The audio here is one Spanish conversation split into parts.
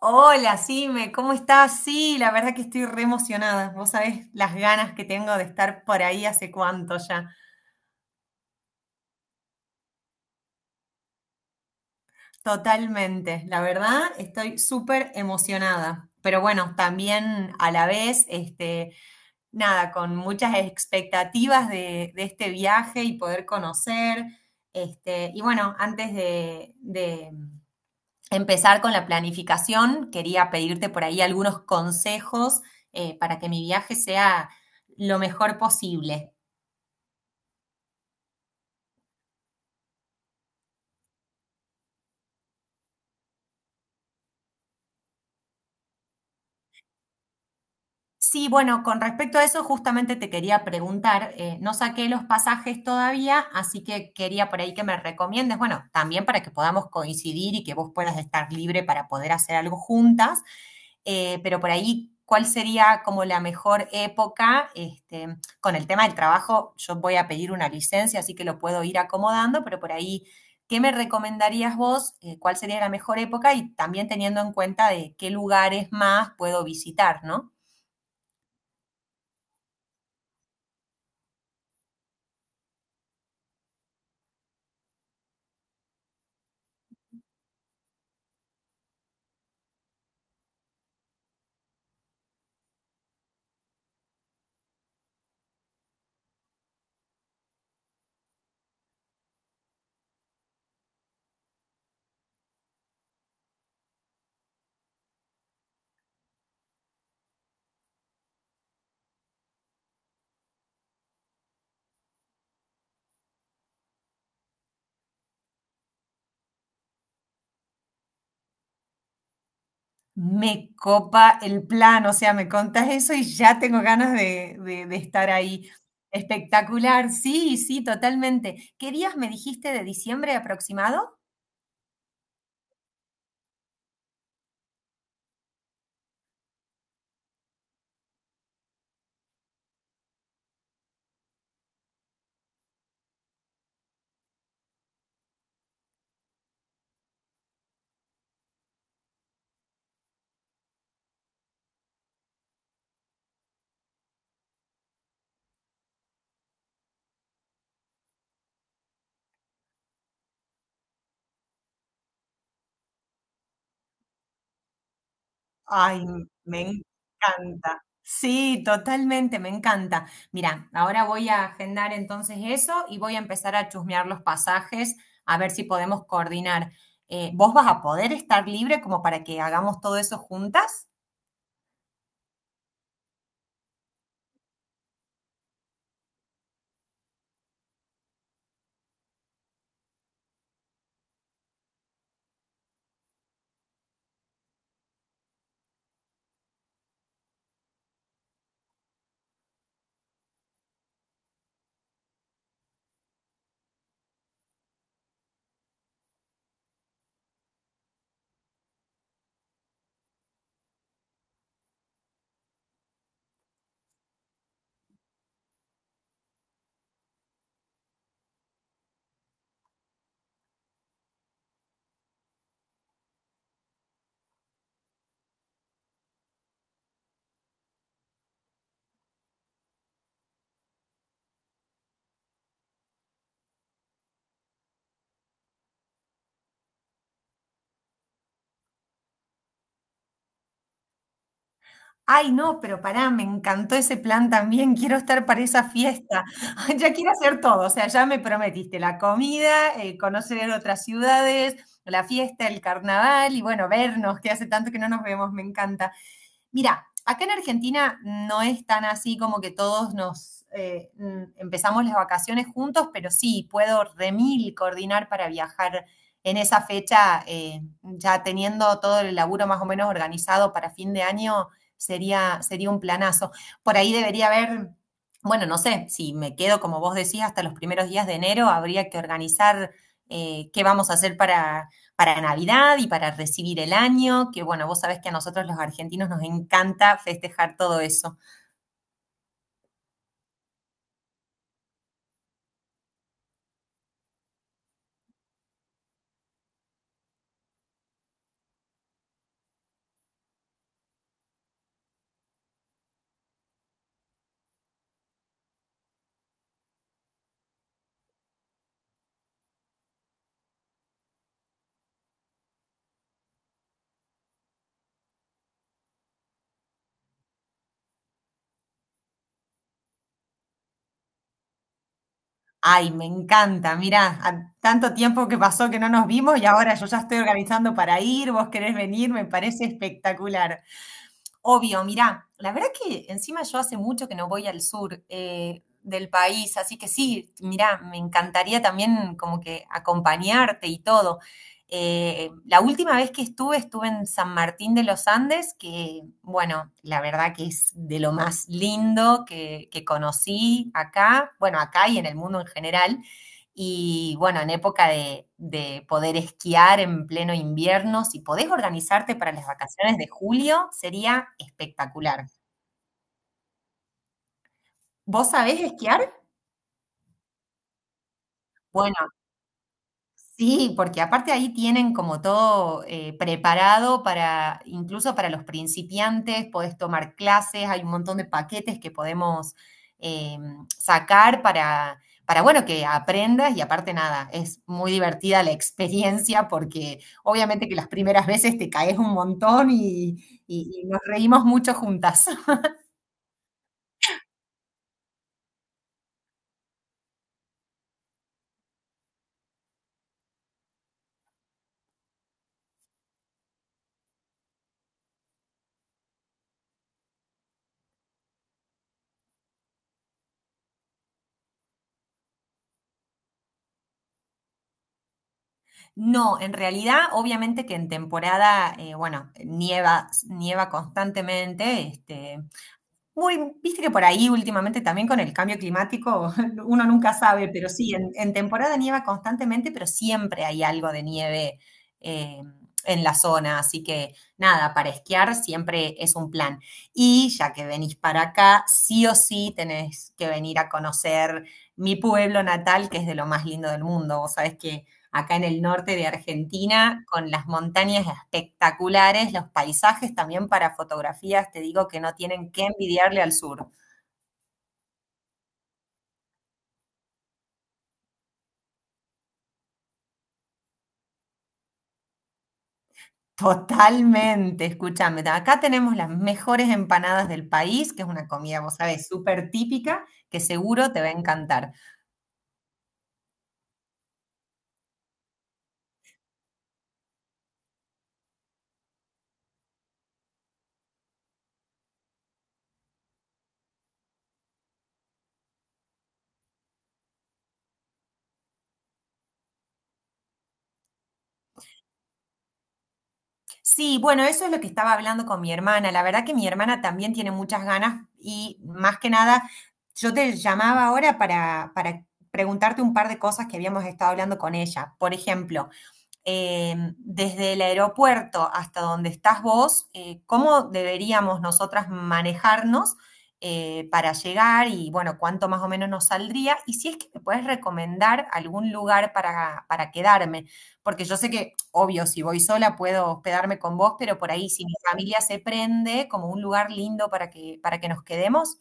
Hola, Sime, ¿cómo estás? Sí, la verdad que estoy re emocionada. Vos sabés las ganas que tengo de estar por ahí hace cuánto ya. Totalmente, la verdad estoy súper emocionada. Pero bueno, también a la vez, nada, con muchas expectativas de este viaje y poder conocer. Y bueno, empezar con la planificación. Quería pedirte por ahí algunos consejos para que mi viaje sea lo mejor posible. Sí, bueno, con respecto a eso justamente te quería preguntar, no saqué los pasajes todavía, así que quería por ahí que me recomiendes, bueno, también para que podamos coincidir y que vos puedas estar libre para poder hacer algo juntas. Pero por ahí, ¿cuál sería como la mejor época? Con el tema del trabajo, yo voy a pedir una licencia, así que lo puedo ir acomodando, pero por ahí, ¿qué me recomendarías vos? ¿Cuál sería la mejor época? Y también teniendo en cuenta de qué lugares más puedo visitar, ¿no? Me copa el plan, o sea, me contás eso y ya tengo ganas de estar ahí. Espectacular, sí, sí, totalmente. ¿Qué días me dijiste de diciembre aproximado? Ay, me encanta. Sí, totalmente, me encanta. Mira, ahora voy a agendar entonces eso y voy a empezar a chusmear los pasajes a ver si podemos coordinar. ¿Vos vas a poder estar libre como para que hagamos todo eso juntas? Ay, no, pero pará, me encantó ese plan también. Quiero estar para esa fiesta. Ya quiero hacer todo. O sea, ya me prometiste la comida, conocer otras ciudades, la fiesta, el carnaval y bueno, vernos, que hace tanto que no nos vemos, me encanta. Mira, acá en Argentina no es tan así como que todos nos empezamos las vacaciones juntos, pero sí, puedo remil coordinar para viajar en esa fecha, ya teniendo todo el laburo más o menos organizado para fin de año, sería un planazo. Por ahí debería haber, bueno, no sé, si me quedo, como vos decís, hasta los primeros días de enero, habría que organizar qué vamos a hacer para Navidad y para recibir el año, que bueno, vos sabés que a nosotros los argentinos nos encanta festejar todo eso. Ay, me encanta, mira, tanto tiempo que pasó que no nos vimos y ahora yo ya estoy organizando para ir, vos querés venir, me parece espectacular. Obvio, mirá, la verdad que encima yo hace mucho que no voy al sur del país, así que sí, mirá, me encantaría también como que acompañarte y todo. La última vez que estuve, estuve en San Martín de los Andes, que bueno, la verdad que es de lo más lindo que conocí acá, bueno, acá y en el mundo en general. Y bueno, en época de poder esquiar en pleno invierno, si podés organizarte para las vacaciones de julio, sería espectacular. ¿Vos sabés esquiar? Bueno, sí, porque aparte ahí tienen como todo preparado para, incluso para los principiantes, podés tomar clases, hay un montón de paquetes que podemos eh, sacar para, bueno, que aprendas y aparte nada, es muy divertida la experiencia porque obviamente que las primeras veces te caes un montón y nos reímos mucho juntas. No, en realidad, obviamente que en temporada, bueno, nieva constantemente, muy, viste que por ahí últimamente también con el cambio climático uno nunca sabe, pero sí, en temporada nieva constantemente, pero siempre hay algo de nieve eh, en la zona, así que nada, para esquiar siempre es un plan. Y ya que venís para acá, sí o sí tenés que venir a conocer mi pueblo natal, que es de lo más lindo del mundo. Vos sabés que acá en el norte de Argentina, con las montañas espectaculares, los paisajes también para fotografías, te digo que no tienen que envidiarle al sur. Totalmente, escúchame. Acá tenemos las mejores empanadas del país, que es una comida, vos sabés, súper típica, que seguro te va a encantar. Sí, bueno, eso es lo que estaba hablando con mi hermana. La verdad que mi hermana también tiene muchas ganas y más que nada, yo te llamaba ahora para preguntarte un par de cosas que habíamos estado hablando con ella. Por ejemplo, desde el aeropuerto hasta donde estás vos, cómo deberíamos nosotras manejarnos para llegar y, bueno, cuánto más o menos nos saldría. Y si es que me puedes recomendar algún lugar para quedarme, porque yo sé que, obvio, si voy sola puedo hospedarme con vos, pero por ahí si mi familia se prende, como un lugar lindo para para que nos quedemos.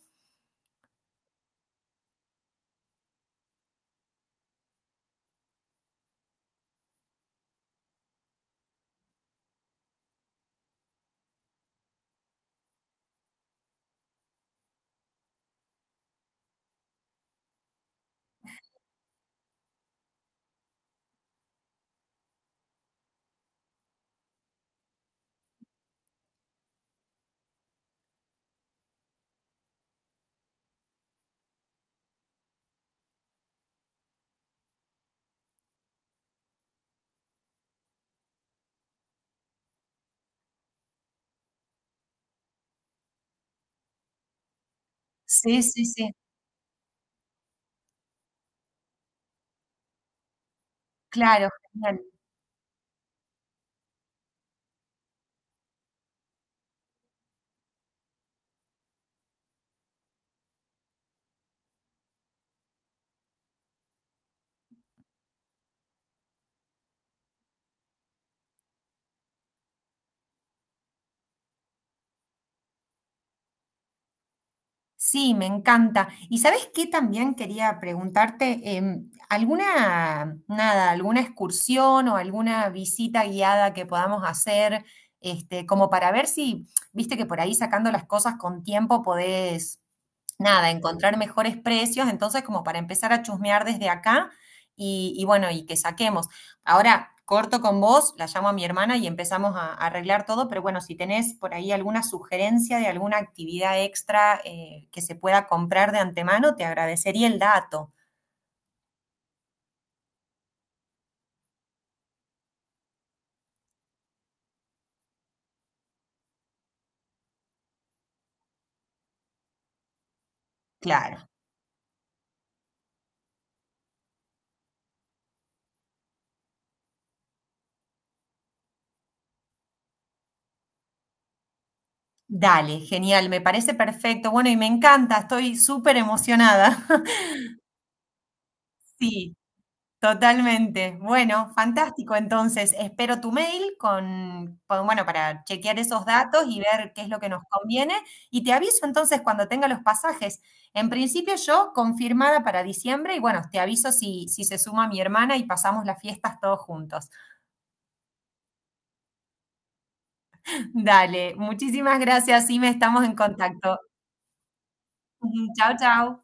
Sí, sí, sí, claro, genial. Sí, me encanta. ¿Y sabes qué también quería preguntarte? ¿Alguna, nada, alguna excursión o alguna visita guiada que podamos hacer, como para ver si, viste que por ahí sacando las cosas con tiempo podés nada, encontrar mejores precios, entonces como para empezar a chusmear desde acá y bueno, y que saquemos. Ahora corto con vos, la llamo a mi hermana y empezamos a arreglar todo, pero bueno, si tenés por ahí alguna sugerencia de alguna actividad extra que se pueda comprar de antemano, te agradecería el dato. Claro. Dale, genial, me parece perfecto. Bueno, y me encanta, estoy súper emocionada. Sí. Totalmente. Bueno, fantástico. Entonces, espero tu mail bueno, para chequear esos datos y ver qué es lo que nos conviene. Y te aviso entonces cuando tenga los pasajes. En principio yo confirmada para diciembre y bueno, te aviso si, si se suma mi hermana y pasamos las fiestas todos juntos. Dale, muchísimas gracias, me estamos en contacto. Chao, chao.